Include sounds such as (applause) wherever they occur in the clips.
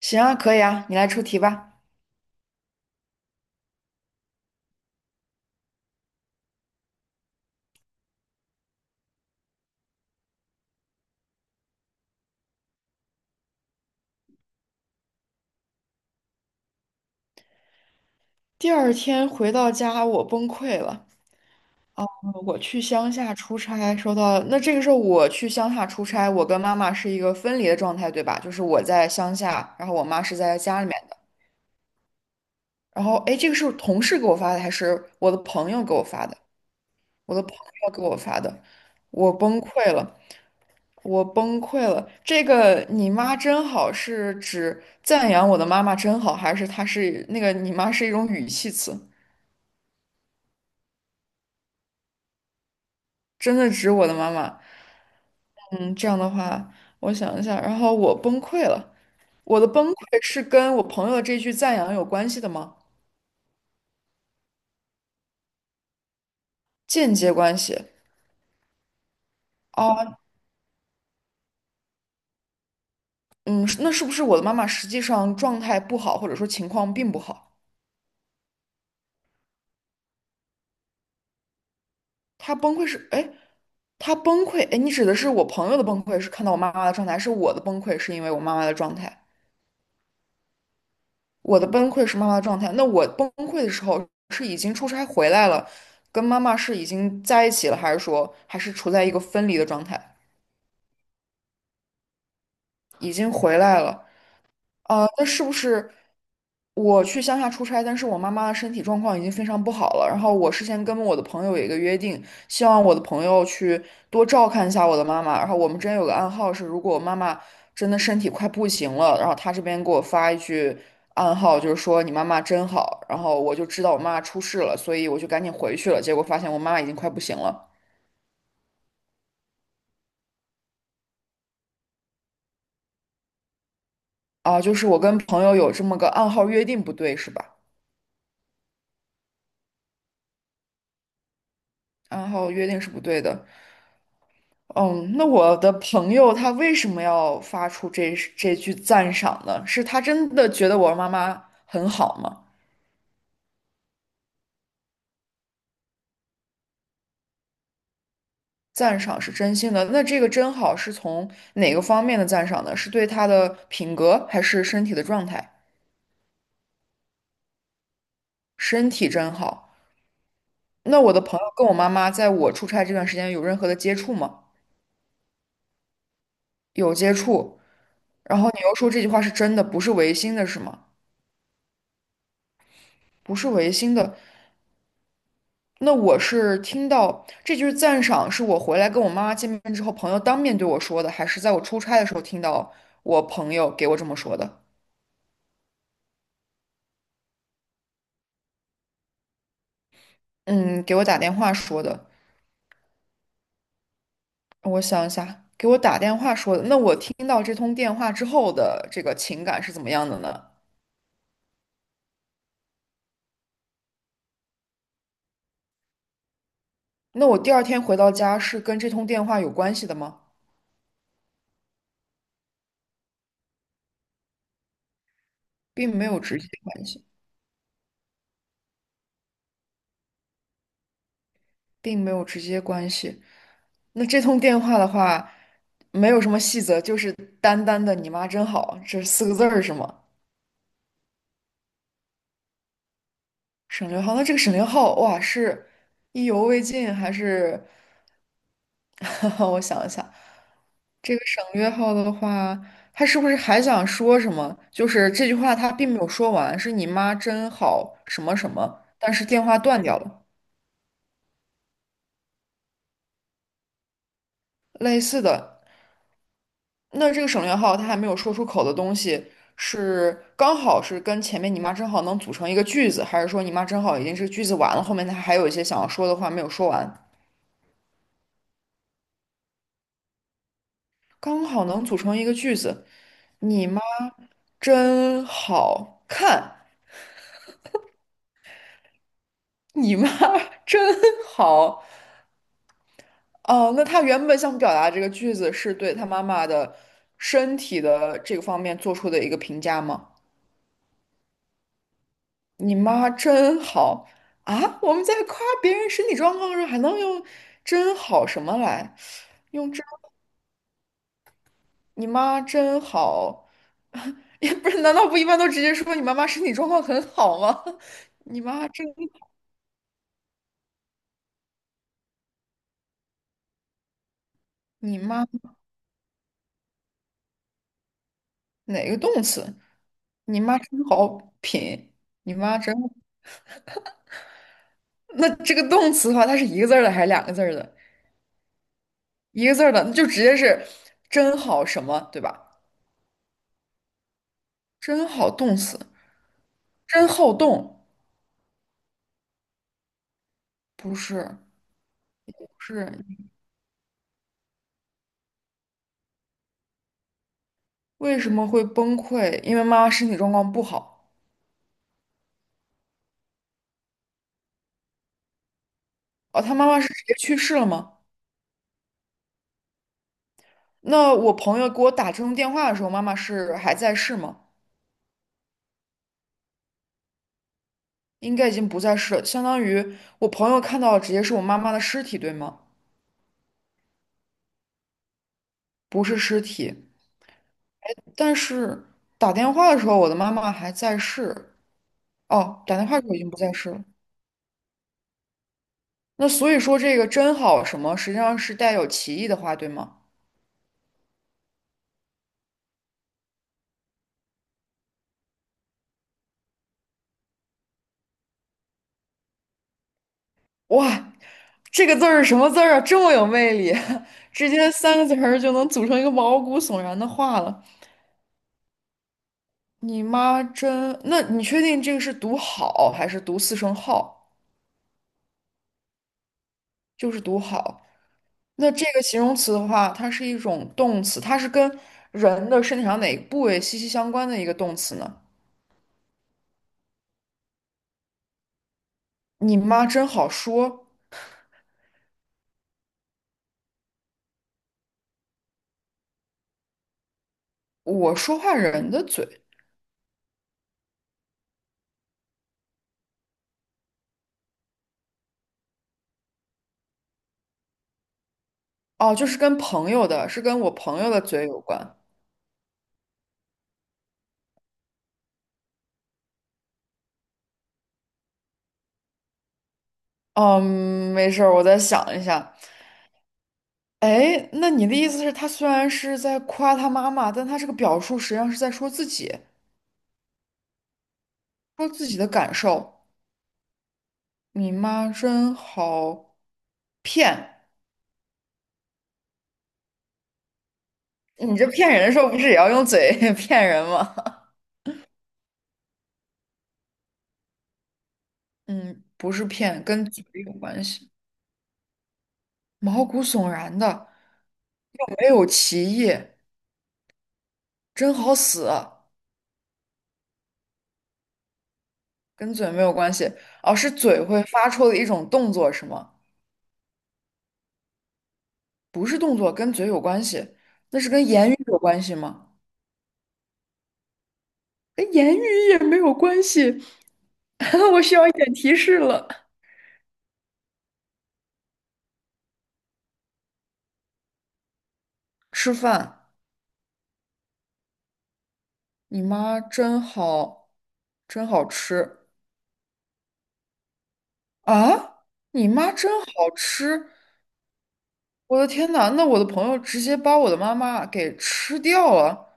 行啊，可以啊，你来出题吧。第二天回到家，我崩溃了。我去乡下出差，收到，那这个时候我去乡下出差，我跟妈妈是一个分离的状态，对吧？就是我在乡下，然后我妈是在家里面的。然后，哎，这个是同事给我发的，还是我的朋友给我发的？我的朋友给我发的，我崩溃了，我崩溃了。这个"你妈真好"是指赞扬我的妈妈真好，还是它是那个"你妈"是一种语气词？真的指我的妈妈。嗯，这样的话，我想一下，然后我崩溃了。我的崩溃是跟我朋友的这句赞扬有关系的吗？间接关系。哦，嗯，是那是不是我的妈妈实际上状态不好，或者说情况并不好？她崩溃是，哎，她崩溃，哎，你指的是我朋友的崩溃是看到我妈妈的状态，还是我的崩溃是因为我妈妈的状态？我的崩溃是妈妈的状态。那我崩溃的时候是已经出差回来了，跟妈妈是已经在一起了，还是说还是处在一个分离的状态？已经回来了，那是不是我去乡下出差，但是我妈妈的身体状况已经非常不好了。然后我事先跟我的朋友有一个约定，希望我的朋友去多照看一下我的妈妈。然后我们之间有个暗号是，如果我妈妈真的身体快不行了，然后她这边给我发一句暗号，就是说你妈妈真好。然后我就知道我妈妈出事了，所以我就赶紧回去了。结果发现我妈妈已经快不行了。啊，就是我跟朋友有这么个暗号约定不对是吧？暗号约定是不对的。嗯，那我的朋友他为什么要发出这句赞赏呢？是他真的觉得我妈妈很好吗？赞赏是真心的，那这个真好是从哪个方面的赞赏呢？是对他的品格，还是身体的状态？身体真好。那我的朋友跟我妈妈在我出差这段时间有任何的接触吗？有接触。然后你又说这句话是真的，不是违心的，是吗？不是违心的，那我是听到这句赞赏，是我回来跟我妈妈见面之后，朋友当面对我说的，还是在我出差的时候听到我朋友给我这么说的？嗯，给我打电话说的。我想一下，给我打电话说的。那我听到这通电话之后的这个情感是怎么样的呢？那我第二天回到家是跟这通电话有关系的吗？并没有直接关系，并没有直接关系。那这通电话的话，没有什么细则，就是单单的"你妈真好"这四个字儿是吗？省略号，那这个省略号，哇，是意犹未尽还是？(laughs) 我想一想，这个省略号的话，他是不是还想说什么？就是这句话他并没有说完，是你妈真好什么什么，但是电话断掉了。类似的，那这个省略号他还没有说出口的东西，是刚好是跟前面你妈真好能组成一个句子，还是说你妈真好已经是句子完了，后面他还有一些想要说的话没有说完，刚好能组成一个句子。你妈真好看，你妈 (laughs) 真好。哦，那他原本想表达这个句子是对他妈妈的身体的这个方面做出的一个评价吗？你妈真好啊！我们在夸别人身体状况的时候，还能用"真好"什么来？用"真"，你妈真好，(laughs) 也不是？难道不一般都直接说你妈妈身体状况很好吗？(laughs) 你妈真，你妈哪个动词？你妈真好品，你妈真……那这个动词的话，它是一个字儿的还是两个字儿的？一个字儿的，那就直接是"真好什么"，对吧？真好动词，真好动，不是不是，为什么会崩溃？因为妈妈身体状况不好。哦，她妈妈是直接去世了吗？那我朋友给我打这通电话的时候，妈妈是还在世吗？应该已经不在世了，相当于我朋友看到的直接是我妈妈的尸体，对吗？不是尸体。但是打电话的时候，我的妈妈还在世。哦，打电话的时候已经不在世了。那所以说，这个"真好"什么，实际上是带有歧义的话，对吗？哇，这个字儿是什么字儿啊？这么有魅力，(laughs) 直接三个字儿就能组成一个毛骨悚然的话了。你妈真……那你确定这个是读好还是读四声号？就是读好。那这个形容词的话，它是一种动词，它是跟人的身体上哪个部位息息相关的一个动词呢？你妈真好说，我说话人的嘴哦，就是跟朋友的，是跟我朋友的嘴有关。哦嗯，没事儿，我再想一下。哎，那你的意思是，他虽然是在夸他妈妈，但他这个表述实际上是在说自己，说自己的感受。你妈真好骗，你这骗人的时候不是也要用嘴 (laughs) 骗人吗？嗯，不是骗，跟嘴有关系，毛骨悚然的，没有歧义，真好死。跟嘴没有关系，哦，是嘴会发出的一种动作是吗？不是动作，跟嘴有关系，那是跟言语有关系吗？跟言语也没有关系，(laughs) 我需要一点提示了。吃饭，你妈真好，真好吃啊！你妈真好吃，我的天呐，那我的朋友直接把我的妈妈给吃掉了。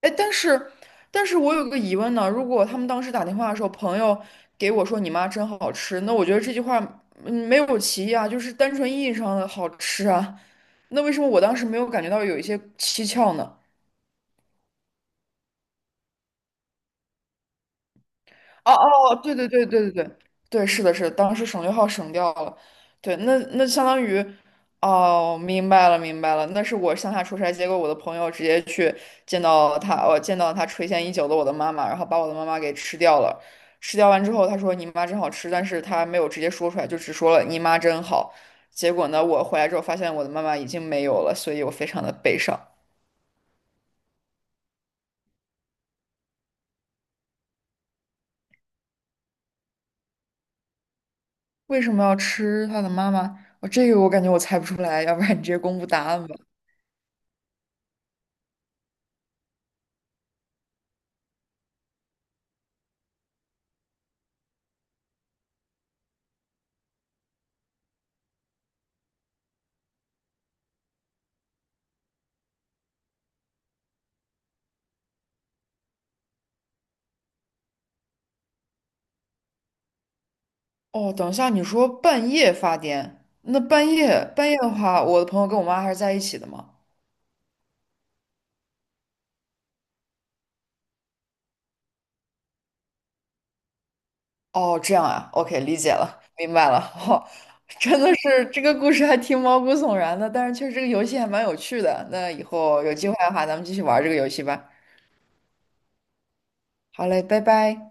哎，但是我有个疑问呢。如果他们当时打电话的时候，朋友给我说"你妈真好吃"，那我觉得这句话嗯没有歧义啊，就是单纯意义上的好吃啊。那为什么我当时没有感觉到有一些蹊跷呢？哦哦，对对对对对对对，是的，是的，当时省略号省掉了，对，那相当于，哦，明白了明白了，那是我乡下出差，结果我的朋友直接去见到他，我见到他垂涎已久的我的妈妈，然后把我的妈妈给吃掉了，吃掉完之后，他说你妈真好吃，但是他没有直接说出来，就只说了你妈真好，结果呢，我回来之后发现我的妈妈已经没有了，所以我非常的悲伤。为什么要吃他的妈妈？我这个我感觉我猜不出来，要不然你直接公布答案吧。哦，等一下，你说半夜发癫，那半夜的话，我的朋友跟我妈还是在一起的吗？哦，这样啊，OK，理解了，明白了。哦，(laughs) 真的是这个故事还挺毛骨悚然的，但是确实这个游戏还蛮有趣的。那以后有机会的话，咱们继续玩这个游戏吧。好嘞，拜拜。